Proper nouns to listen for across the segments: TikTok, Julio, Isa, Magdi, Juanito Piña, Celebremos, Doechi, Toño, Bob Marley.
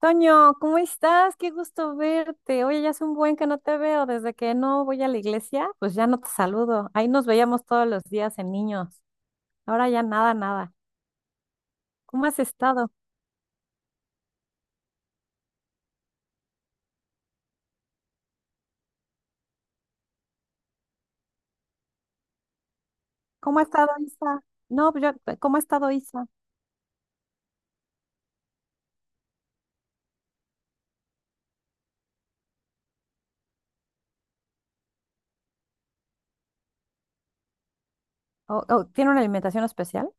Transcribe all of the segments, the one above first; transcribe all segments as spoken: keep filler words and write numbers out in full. Toño, ¿cómo estás? Qué gusto verte. Oye, ya hace un buen que no te veo. Desde que no voy a la iglesia, pues ya no te saludo. Ahí nos veíamos todos los días en niños. Ahora ya nada, nada. ¿Cómo has estado? ¿Cómo ha estado Isa? No, pues yo, eh, ¿cómo ha estado Isa? ¿O, o tiene una alimentación especial?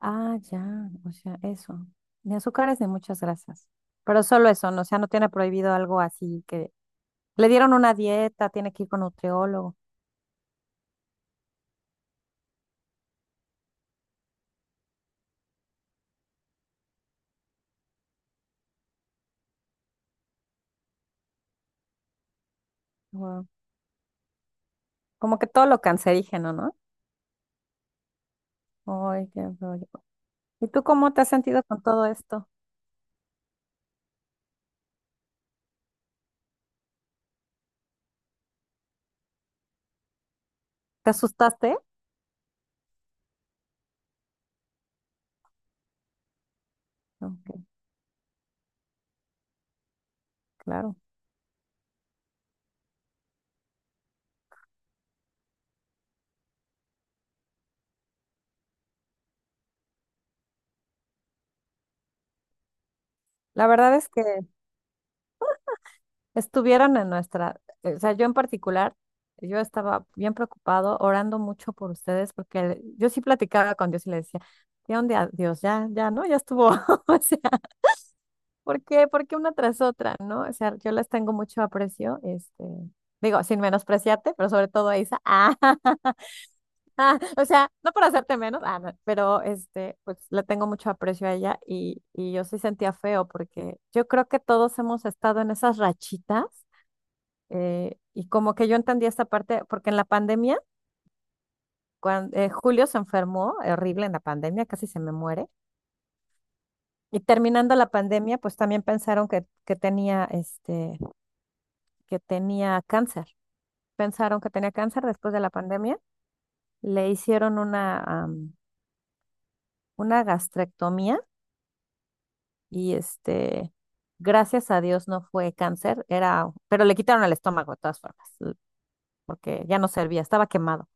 Ah, ya, o sea, eso. Ni azúcares ni muchas grasas. Pero solo eso, ¿no? O sea, no tiene prohibido algo así que le dieron una dieta, tiene que ir con nutriólogo. Guau. Como que todo lo cancerígeno, ¿no? Ay, qué rollo. ¿Y tú cómo te has sentido con todo esto? ¿Te asustaste? Ok, claro. La verdad es que estuvieron en nuestra, eh, o sea, yo en particular, yo estaba bien preocupado, orando mucho por ustedes, porque el- yo sí platicaba con Dios y le decía, ¿de dónde a Dios? Ya, ya, ¿no? Ya estuvo. O sea, ¿por qué? ¿Por qué una tras otra, no? O sea, yo les tengo mucho aprecio, este, digo, sin menospreciarte, pero sobre todo a Isa. Ah, o sea, no por hacerte menos, ah, no, pero este, pues le tengo mucho aprecio a ella y, y yo sí sentía feo porque yo creo que todos hemos estado en esas rachitas eh, y como que yo entendí esta parte, porque en la pandemia, cuando, Julio se enfermó, horrible en la pandemia, casi se me muere. Y terminando la pandemia, pues también pensaron que, que tenía este, que tenía cáncer. Pensaron que tenía cáncer después de la pandemia. Le hicieron una, am, una gastrectomía y este, gracias a Dios no fue cáncer, era, pero le quitaron el estómago de todas formas, l- porque ya no servía, estaba quemado.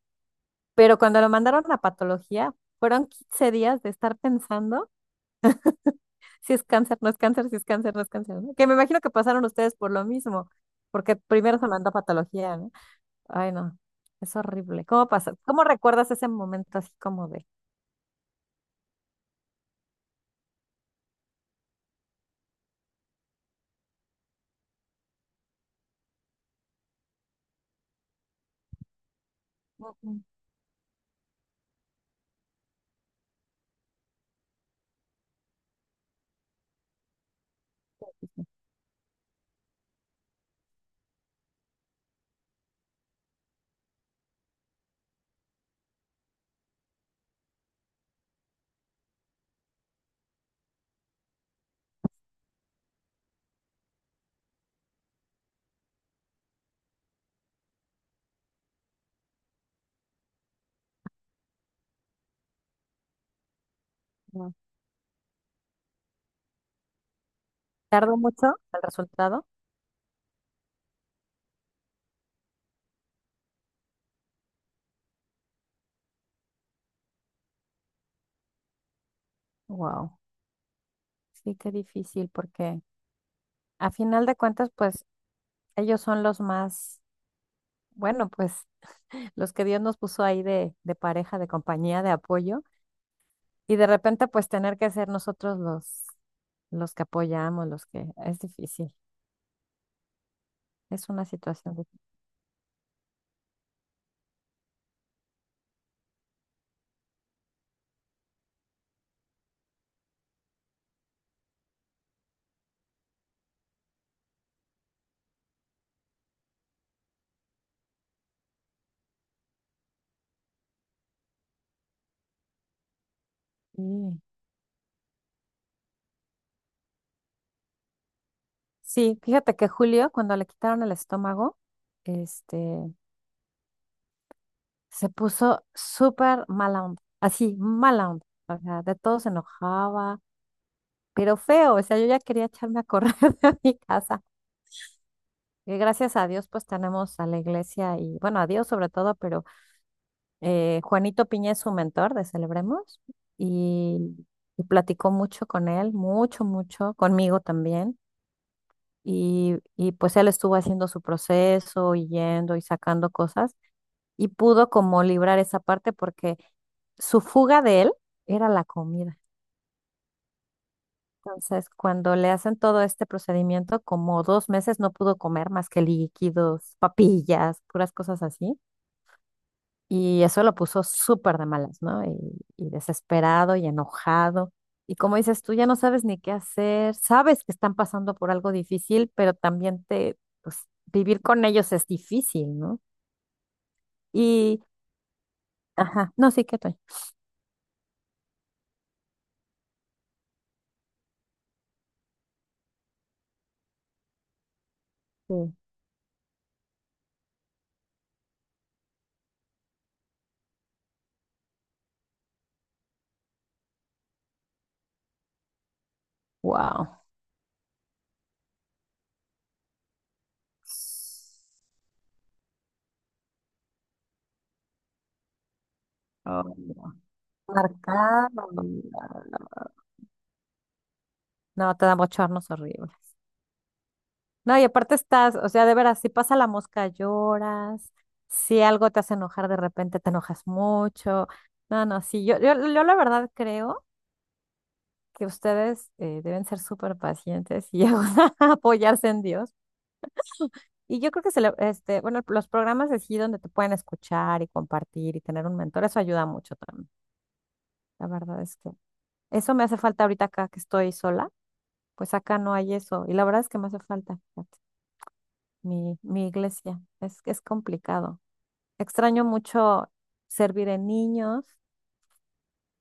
Pero cuando lo mandaron a patología, fueron quince días de estar pensando si es cáncer, no es cáncer, si es cáncer, no es cáncer, ¿no? Que me imagino que pasaron ustedes por lo mismo, porque primero se mandó a patología, ¿no? Ay, no, es horrible. ¿Cómo pasa? ¿Cómo recuerdas ese momento así como de... "Mm, mm, mm, no"? ¿Tardó mucho el resultado? Wow, sí, qué difícil, porque a final de cuentas, pues ellos son los más, bueno, pues los que Dios nos puso ahí de, de pareja, de compañía, de apoyo, y de repente pues tener que ser nosotros los, los que apoyamos, los que es difícil, es una situación difícil. Sí, sí, fíjate que Julio, cuando le quitaron el estómago, este, se puso súper mala onda, así, mala onda, o sea, de todo se enojaba, pero feo, o sea, yo ya quería echarme a correr de mi casa. Que gracias a Dios pues tenemos a la iglesia y bueno, a Dios sobre todo, pero eh, Juanito Piña es su mentor de Celebremos y, y platicó mucho con él, mucho, mucho, conmigo también. Y, y pues él estuvo haciendo su proceso y yendo y sacando cosas y pudo como librar esa parte porque su fuga de él era la comida. Entonces, cuando le hacen todo este procedimiento, como dos meses no pudo comer más que líquidos, papillas, puras cosas así. Y eso lo puso súper de malas, ¿no? Y, y desesperado y enojado. Y como dices, tú ya no sabes ni qué hacer, sabes que están pasando por algo difícil, pero también te, pues, vivir con ellos es difícil, ¿no? Y, ajá, no, sí, que estoy. Sí. Wow. Ah, marcado. No, te dan bochornos horribles. No, y aparte estás, o sea, de veras, si pasa la mosca lloras, si algo te hace enojar de repente te enojas mucho. No, no, sí, yo, yo, yo la verdad creo que ustedes eh, deben ser súper pacientes y apoyarse en Dios. Y yo creo que se le- este, bueno, los programas así donde te pueden escuchar y compartir y tener un mentor, eso ayuda mucho también. La verdad es que eso me hace falta ahorita acá que estoy sola, pues acá no hay eso. Y la verdad es que me hace falta, fíjate, mi, mi iglesia. Es que es complicado. Extraño mucho servir en niños,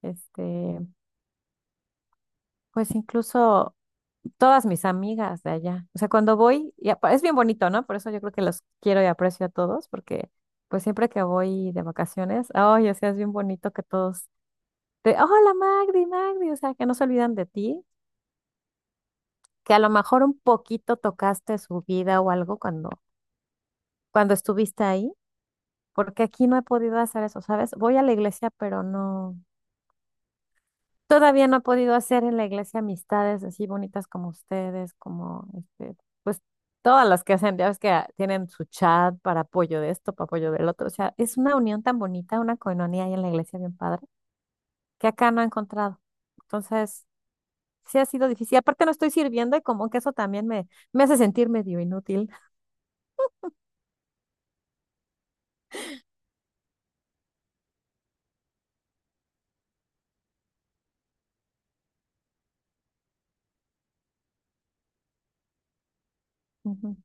este, pues incluso todas mis amigas de allá. O sea, cuando voy, y apa- es bien bonito, ¿no? Por eso yo creo que los quiero y aprecio a todos, porque pues siempre que voy de vacaciones, ay, o sea, es bien bonito que todos te, hola Magdi, Magdi, o sea, que no se olvidan de ti, que a lo mejor un poquito tocaste su vida o algo cuando, cuando estuviste ahí, porque aquí no he podido hacer eso, ¿sabes? Voy a la iglesia, pero no. Todavía no he podido hacer en la iglesia amistades así bonitas como ustedes, como este, pues todas las que hacen, ya ves que ah, tienen su chat para apoyo de esto, para apoyo del otro. O sea, es una unión tan bonita, una coinonía ahí en la iglesia bien padre, que acá no he encontrado. Entonces, sí ha sido difícil. Aparte no estoy sirviendo y como que eso también me, me hace sentir medio inútil. Ujú.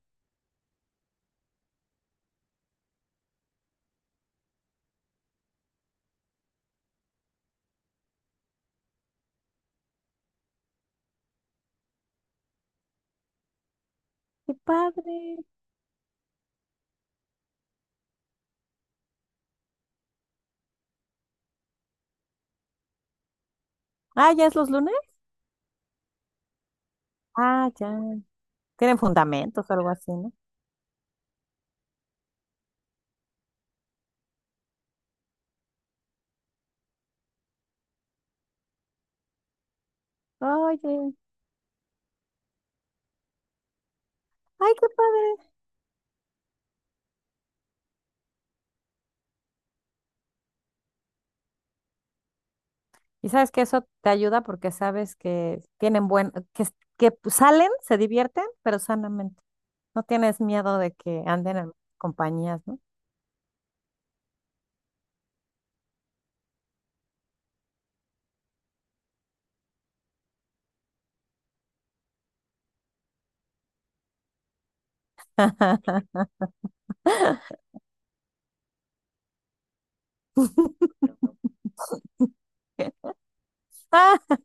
Qué padre. Ah, ¿ya es los lunes? Ah, ya. Tienen fundamentos o algo así, ¿no? Oye, ay, qué padre. Y sabes que eso te ayuda porque sabes que tienen buen, que, s- que pues, salen, se divierten, pero sanamente. No tienes miedo de que anden en compañías, ¿no? Ah,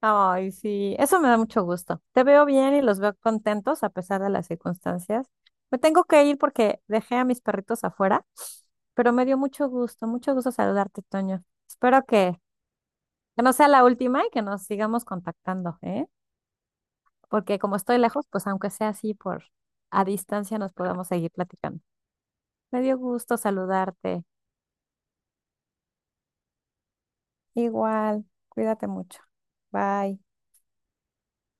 ay, sí, eso me da mucho gusto. Te veo bien y los veo contentos a pesar de las circunstancias. Me tengo que ir porque dejé a mis perritos afuera, pero me dio mucho gusto, mucho gusto saludarte, Toño. Espero que, que no sea la última y que nos sigamos contactando, ¿eh? Porque como estoy lejos, pues aunque sea así por a distancia nos podamos seguir platicando. Me dio gusto saludarte. Igual, cuídate mucho. Bye.